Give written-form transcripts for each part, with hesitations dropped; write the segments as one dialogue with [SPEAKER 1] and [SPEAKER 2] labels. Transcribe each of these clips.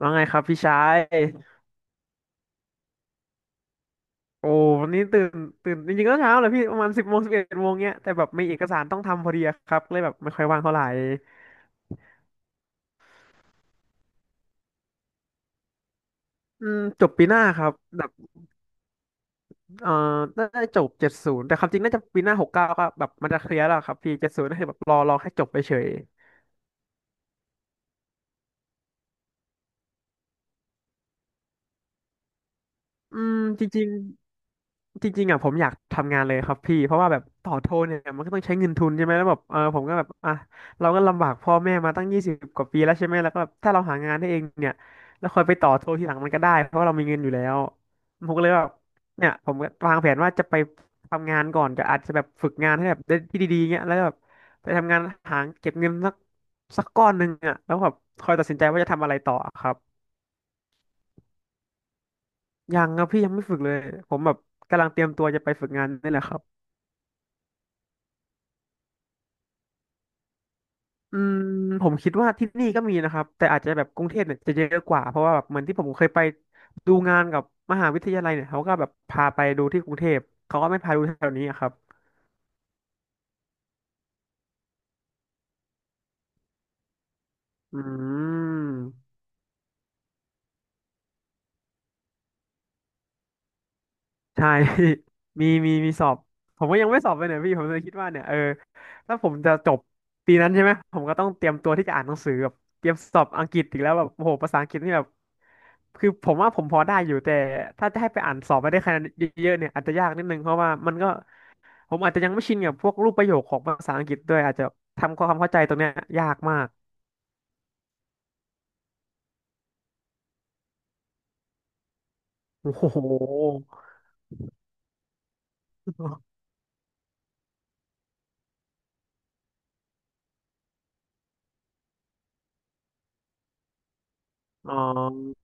[SPEAKER 1] ว่าไงครับพี่ชายโอ้วันนี้ตื่นจริงๆก็เช้าแหละพี่ประมาณ10 โมง11 โมงเนี้ยแต่แบบมีเอกสารต้องทำพอดีอะครับเลยแบบไม่ค่อยว่างเท่าไหร่อืมจบปีหน้าครับแบบเอ่อน่าจะจบเจ็ดศูนย์แต่ความจริงน่าจะปีหน้า69ก็แบบมันจะเคลียร์แล้วครับพี่เจ็ดศูนย์ก็คือแบบรอแค่จบไปเฉยอืมจริง จริงๆอ่ะผมอยากทำงานเลยครับพี่เพราะว่าแบบต่อโทเนี่ยมันก็ต้องใช้เงินทุนใช่ไหมแล้วแบบเออผมก็แบบอ่ะเราก็ลำบากพ่อแม่มาตั้ง20กว่าปีแล้วใช่ไหมแล้วก็แบบถ้าเราหางานได้เองเนี่ยแล้วค่อยไปต่อโททีหลังมันก็ได้เพราะว่าเรามีเงินอยู่แล้วผมก็เลยแบบเนี่ยผมก็วางแผนว่าจะไปทำงานก่อนจะอาจจะแบบฝึกงานให้แบบได้ที่ดีๆเงี้ยแล้วก็แบบไปทำงานหาเก็บเงินสักก้อนหนึ่งอ่ะแล้วแบบค่อยตัดสินใจว่าจะทำอะไรต่อครับยังครับพี่ยังไม่ฝึกเลยผมแบบกำลังเตรียมตัวจะไปฝึกงานนี่แหละครับ อืมผมคิดว่าที่นี่ก็มีนะครับแต่อาจจะแบบกรุงเทพเนี่ยจะเยอะกว่าเพราะว่าแบบเหมือนที่ผมเคยไปดูงานกับมหาวิทยาลัยเนี่ยเขาก็แบบพาไปดูที่กรุงเทพเขาก็ไม่พาดูแถวนี้อะครับอืมใช่ มีสอบผมก็ยังไม่สอบเลยเนี่ยพี่ผมเลยคิดว่าเนี่ยเออถ้าผมจะจบปีนั้นใช่ไหมผมก็ต้องเตรียมตัวที่จะอ่านหนังสือแบบเตรียมสอบอังกฤษอีกแล้วแบบโอ้โหภาษาอังกฤษนี่แบบคือผมว่าผมพอได้อยู่แต่ถ้าจะให้ไปอ่านสอบไปได้คะแนนเยอะๆเนี่ยอาจจะยากนิดนึงเพราะว่ามันก็ ผมอาจจะยังไม่ชินกับพวกรูปประโยคของภาษาอังกฤษด้วยอาจจะทำความเข้าใจตรงเนี้ยยากมาก โอ้โหอ๋อ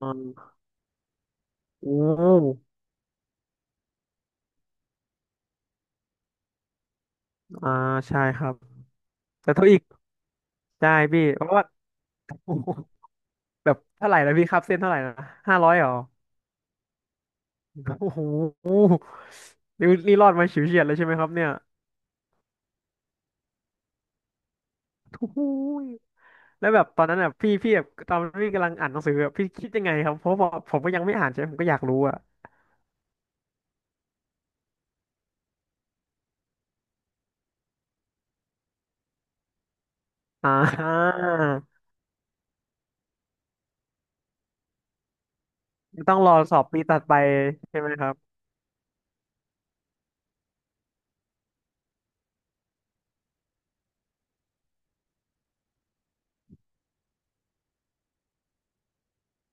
[SPEAKER 1] โอ้อ่าใช่ครับ แต่เท่าอีกใช่พี่เพราะว่าโอ้โหแบบเท่าไหร่นะพี่ครับเส้นเท่าไหร่นะ500เหรอโอ้โหนี่รอดมาฉิวเฉียดเลยใช่ไหมครับเนี่ยโอ้โหแล้วแบบตอนนั้นอ่ะพี่แบบตอนพี่กำลังอ่านหนังสืออะพี่คิดยังไงครับเพราะว่าผมก็ยังไม่อ่านใช่ไหมผมก็อยากรู้อ่ะอ่า ต้องรอสอบปีตัดไปใช่ไหมครับ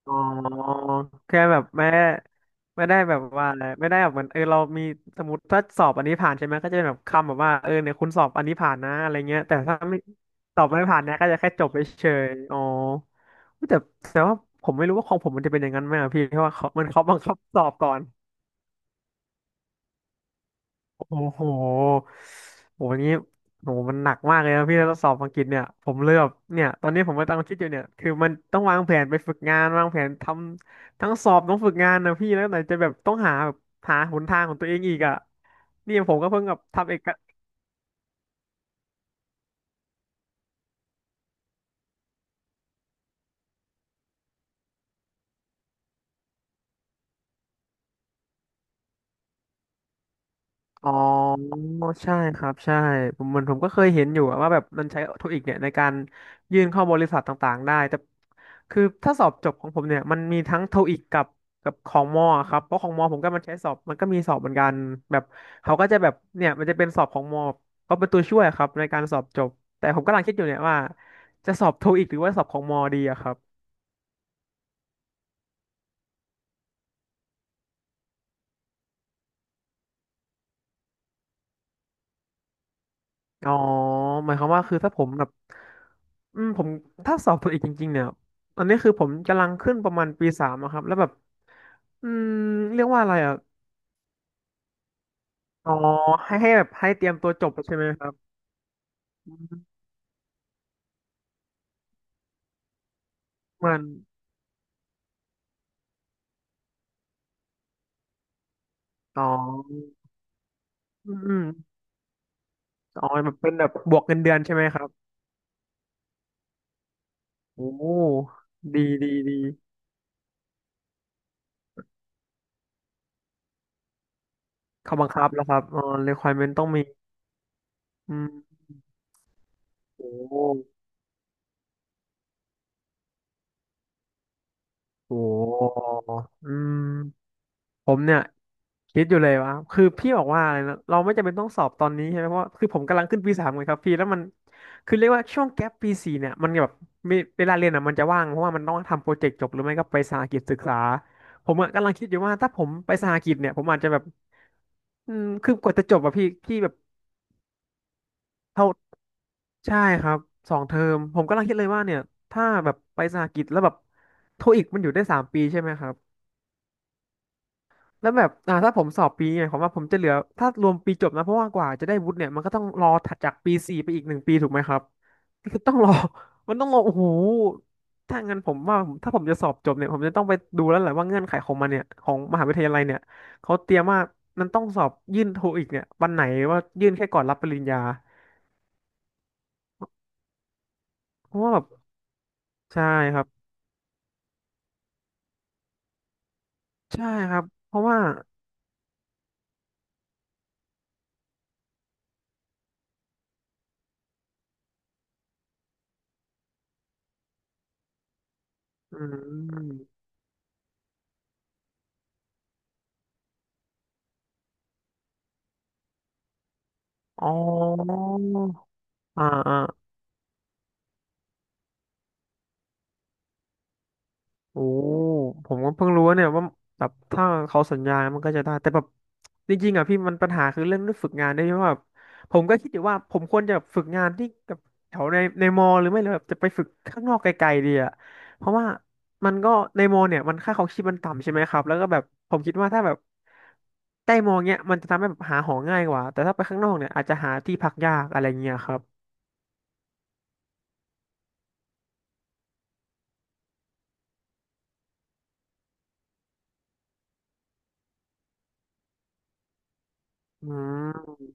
[SPEAKER 1] อ๋อแค่แบบไม่ได้แบบว่าอะไรไม่ได้แบบเหมือนเออเรามีสมมติถ้าสอบอันนี้ผ่านใช่ไหมก็จะเป็นแบบคำแบบว่าเออเนี่ยคุณสอบอันนี้ผ่านนะอะไรเงี้ยแต่ถ้าไม่สอบไม่ผ่านนะก็จะแค่จบไปเฉยๆอ๋อแต่แต่ว่าผมไม่รู้ว่าของผมมันจะเป็นอย่างนั้นไหมอะพี่เพราะว่าเขามันเขาบังคับสอบก่อน โอ้โหโอ้โหนี้โอ้โหมันหนักมากเลยนะพี่แล้วสอบอังกฤษเนี่ยผมเลยแบบเนี่ยตอนนี้ผมก็ำลังคิดอยู่เนี่ยคือมันต้องวางแผนไปฝึกงานวางแผนทำทั้งสอบต้องฝึกงานนะพี่แล้วไหนจะแบบต้องหาแบบหาหนทางของตัวเองอีกอ่ะนี่ผมก็เพิ่งแบบทำเอก อ๋อใช่ครับใช่ผมเหมือนผมก็เคยเห็นอยู่อะว่าแบบมันใช้เทคนิคเนี่ยในการยื่นเข้าบริษัทต่างๆได้แต่คือถ้าสอบจบของผมเนี่ยมันมีทั้งโทอีกกับของมอครับเพราะของมอผมก็มันใช้สอบมันก็มีสอบเหมือนกันแบบเขาก็จะแบบเนี่ยมันจะเป็นสอบของมอก็เป็นตัวช่วยครับในการสอบจบแต่ผมกำลังคิดอยู่เนี่ยว่าจะสอบโทอีกหรือว่าสอบของมอดีอะครับ อ๋อหมายความว่าคือถ้าผมแบบอืมผมถ้าสอบตัวอีกจริงๆเนี่ยตอนนี้คือผมกำลังขึ้นประมาณปีสามอะครับแล้วแบบอืมเรียกว่าอะไรอ่ะอ๋อให้ให้แบบให้เตรียมตัวจบใช่ไหมครับอืมเหมือนอ๋ออืมอ๋อแบบเป็นแบบบวกเงินเดือนใช่ไหมครับโอ้ดีดีดีเขาบังคับแล้วครับอ๋อ requirement ต้องมีอืมโอ้โหโอ้โหอืม ผมเนี่ยคิดอยู่เลยว่าคือพี่บอกว่าอะไรนะเราไม่จำเป็นต้องสอบตอนนี้ใช่ไหมเพราะว่าคือผมกำลังขึ้นปีสามไงครับพี่แล้วมันคือเรียกว่าช่วงแก๊ปปีสี่เนี่ยมันแบบมีเวลาเรียนอ่ะมันจะว่างเพราะว่ามันต้องทำโปรเจกต์จบหรือไม่ก็ไปสหกิจศึกษาผมอะกำลังคิดอยู่ว่าถ้าผมไปสหกิจเนี่ยผมอาจจะแบบคือกว่าจะจบอะพี่แบบเท่าใช่ครับสองเทอมผมกำลังคิดเลยว่าเนี่ยถ้าแบบไปสหกิจแล้วแบบโทอีกมันอยู่ได้สามปีใช่ไหมครับ แล้วแบบถ้าผมสอบปีเนี่ยผมว่าผมจะเหลือถ้ารวมปีจบนะเพราะว่ากว่าจะได้วุฒิเนี่ยมันก็ต้องรอถัดจากปีสี่ไปอีกหนึ่งปีถูกไหมครับคือต้องรอ มันต้องรอโอ้โหถ้างั้นผมว่าผมถ้าผมจะสอบจบเนี่ยผมจะต้องไปดูแล้วแหละว่าเงื่อนไขของมันเนี่ยของมหาวิทยาลัยเนี่ยเขาเตรียมว่ามันต้องสอบยื่นโทอีกเนี่ยวันไหนว่ายื่นแค่ก่อนรับปริญญาเพราะว่าแบบใช่ครับใช่ครับเพราะว่าอืมอ๋ออ่าอ่า โอ้ผมก็เพิ่งรู้ว่าเนี่ยว่าแบบถ้าเขาสัญญามันก็จะได้แต่แบบจริงๆอ่ะพี่มันปัญหาคือเรื่องฝึกงานด้วยเพราะแบบผมก็คิดอยู่ว่าผมควรจะฝึกงานที่กับแถวในมอหรือไม่เลยแบบจะไปฝึกข้างนอกไกลๆดีอ่ะเพราะว่ามันก็ในมอเนี่ยมันค่าครองชีพมันต่ำใช่ไหมครับแล้วก็แบบผมคิดว่าถ้าแบบใกล้มอเนี้ยมันจะทำให้แบบหาหอง่ายกว่าแต่ถ้าไปข้างนอกเนี่ยอาจจะหาที่พักยากอะไรเงี้ยครับอืม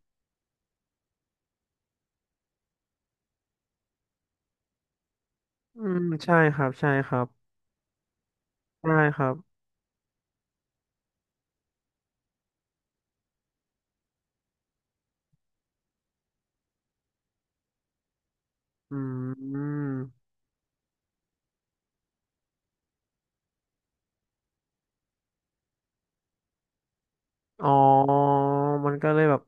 [SPEAKER 1] อืมใช่ครับใช่ครับใช่ครับอืม อ๋อมันก็เลยแบบ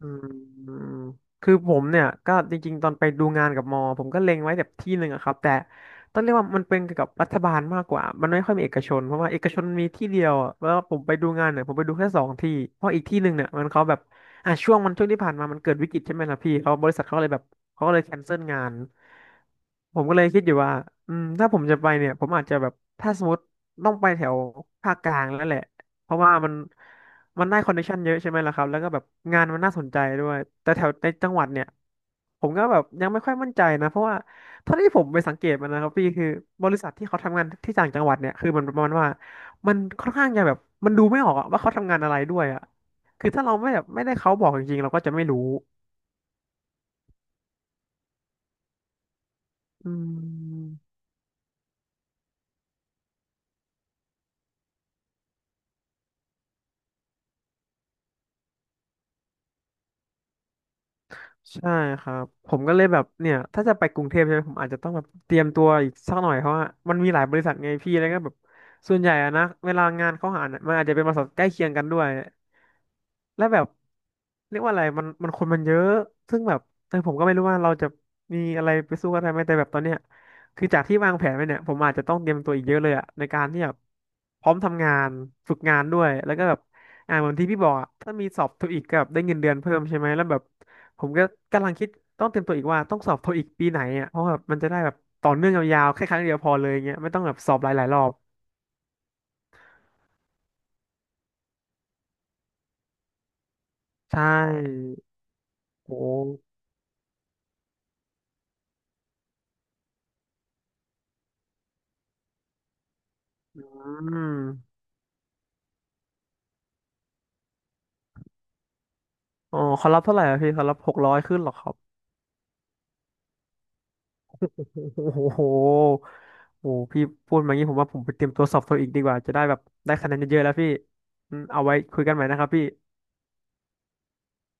[SPEAKER 1] อืมอืมคือผมเนี่ยก็จริงๆตอนไปดูงานกับมอผมก็เล็งไว้แบบที่หนึ่งอะครับแต่ต้องเรียกว่ามันเป็นเกี่ยวกับรัฐบาลมากกว่ามันไม่ค่อยมีเอกชนเพราะว่าเอกชนมีที่เดียวอะแล้วผมไปดูงานเนี่ยผมไปดูแค่สองที่เพราะอีกที่หนึ่งเนี่ยมันเขาแบบอ่ะช่วงที่ผ่านมามันเกิดวิกฤตใช่ไหมล่ะพี่เขาบริษัทเขาเลยแบบเขาก็เลยแคนเซิลงานผมก็เลยคิดอยู่ว่าถ้าผมจะไปเนี่ยผมอาจจะแบบถ้าสมมติต้องไปแถวภาคกลางแล้วแหละเพราะว่ามัน มันได้คอนเนคชั่นเยอะใช่ไหมล่ะครับ แล้วก็แบบงานมันน่าสนใจด้วย แต่แถวในจังหวัดเนี่ยผมก็แบบยังไม่ค่อยมั่นใจนะเพราะว่าเท่าที่ผมไปสังเกตมานะครับพี่คือบริษัทที่เขาทำงานที่ต่างจังหวัดเนี่ยคือมันประมาณว่ามันค่อนข้างจะแบบมันดูไม่ออกอะว่าเขาทำงานอะไรด้วยอะคือถ้าเราไม่แบบไม่ได้เขาบอกจริงๆเราก็จะไม่รู้อืม ใช่ครับผมก็เลยแบบเนี่ยถ้าจะไปกรุงเทพใช่ไหมผมอาจจะต้องแบบเตรียมตัวอีกสักหน่อยเพราะว่ามันมีหลายบริษัทไงพี่แล้วก็แบบส่วนใหญ่อะนะเวลางานเขาหาเนี่ยมันอาจจะเป็นบริษัทใกล้เคียงกันด้วย และแบบเรียกว่าอะไรมันคนมันเยอะซึ่งแบบแตอผมก็ไม่รู้ว่าเราจะมีอะไรไปสู้กันได้ไหมแต่แบบตอนเนี้ยคือจากที่วางแผนไว้เนี่ยผมอาจจะต้องเตรียมตัวอีกเยอะเลยอะในการที่แบบพร้อมทำงานฝึกงานด้วยแล้วก็แบบเหมือนที่พี่บอกอะถ้ามีสอบโทอีกกับได้เงินเดือนเพิ่มใช่ไหมแล้วแบบผมก็กำลังคิดต้องเตรียมตัวอีกว่าต้องสอบโทอีกปีไหนอะเพราะแบบมันจะได้แบบต่อเนื่องยาวๆแค่ครั้งเดียวพอเลยเงี้ยไม่ต้องแบบสอบหลายๆรอบใช่โอ้อืม อ๋อเขารับเท่าไหร่อะพี่เขารับหกร้อยขึ้นเหรอครับโอ้โหโอ้หโอ้โหพี่พูดมางี้ผมว่าผมไปเตรียมตัวสอบโทอีกดีกว่าจะได้แบบได้คะแนนเยอะๆแล้วพี่อืมเอาไว้คุยกันใหม่นะครับพี่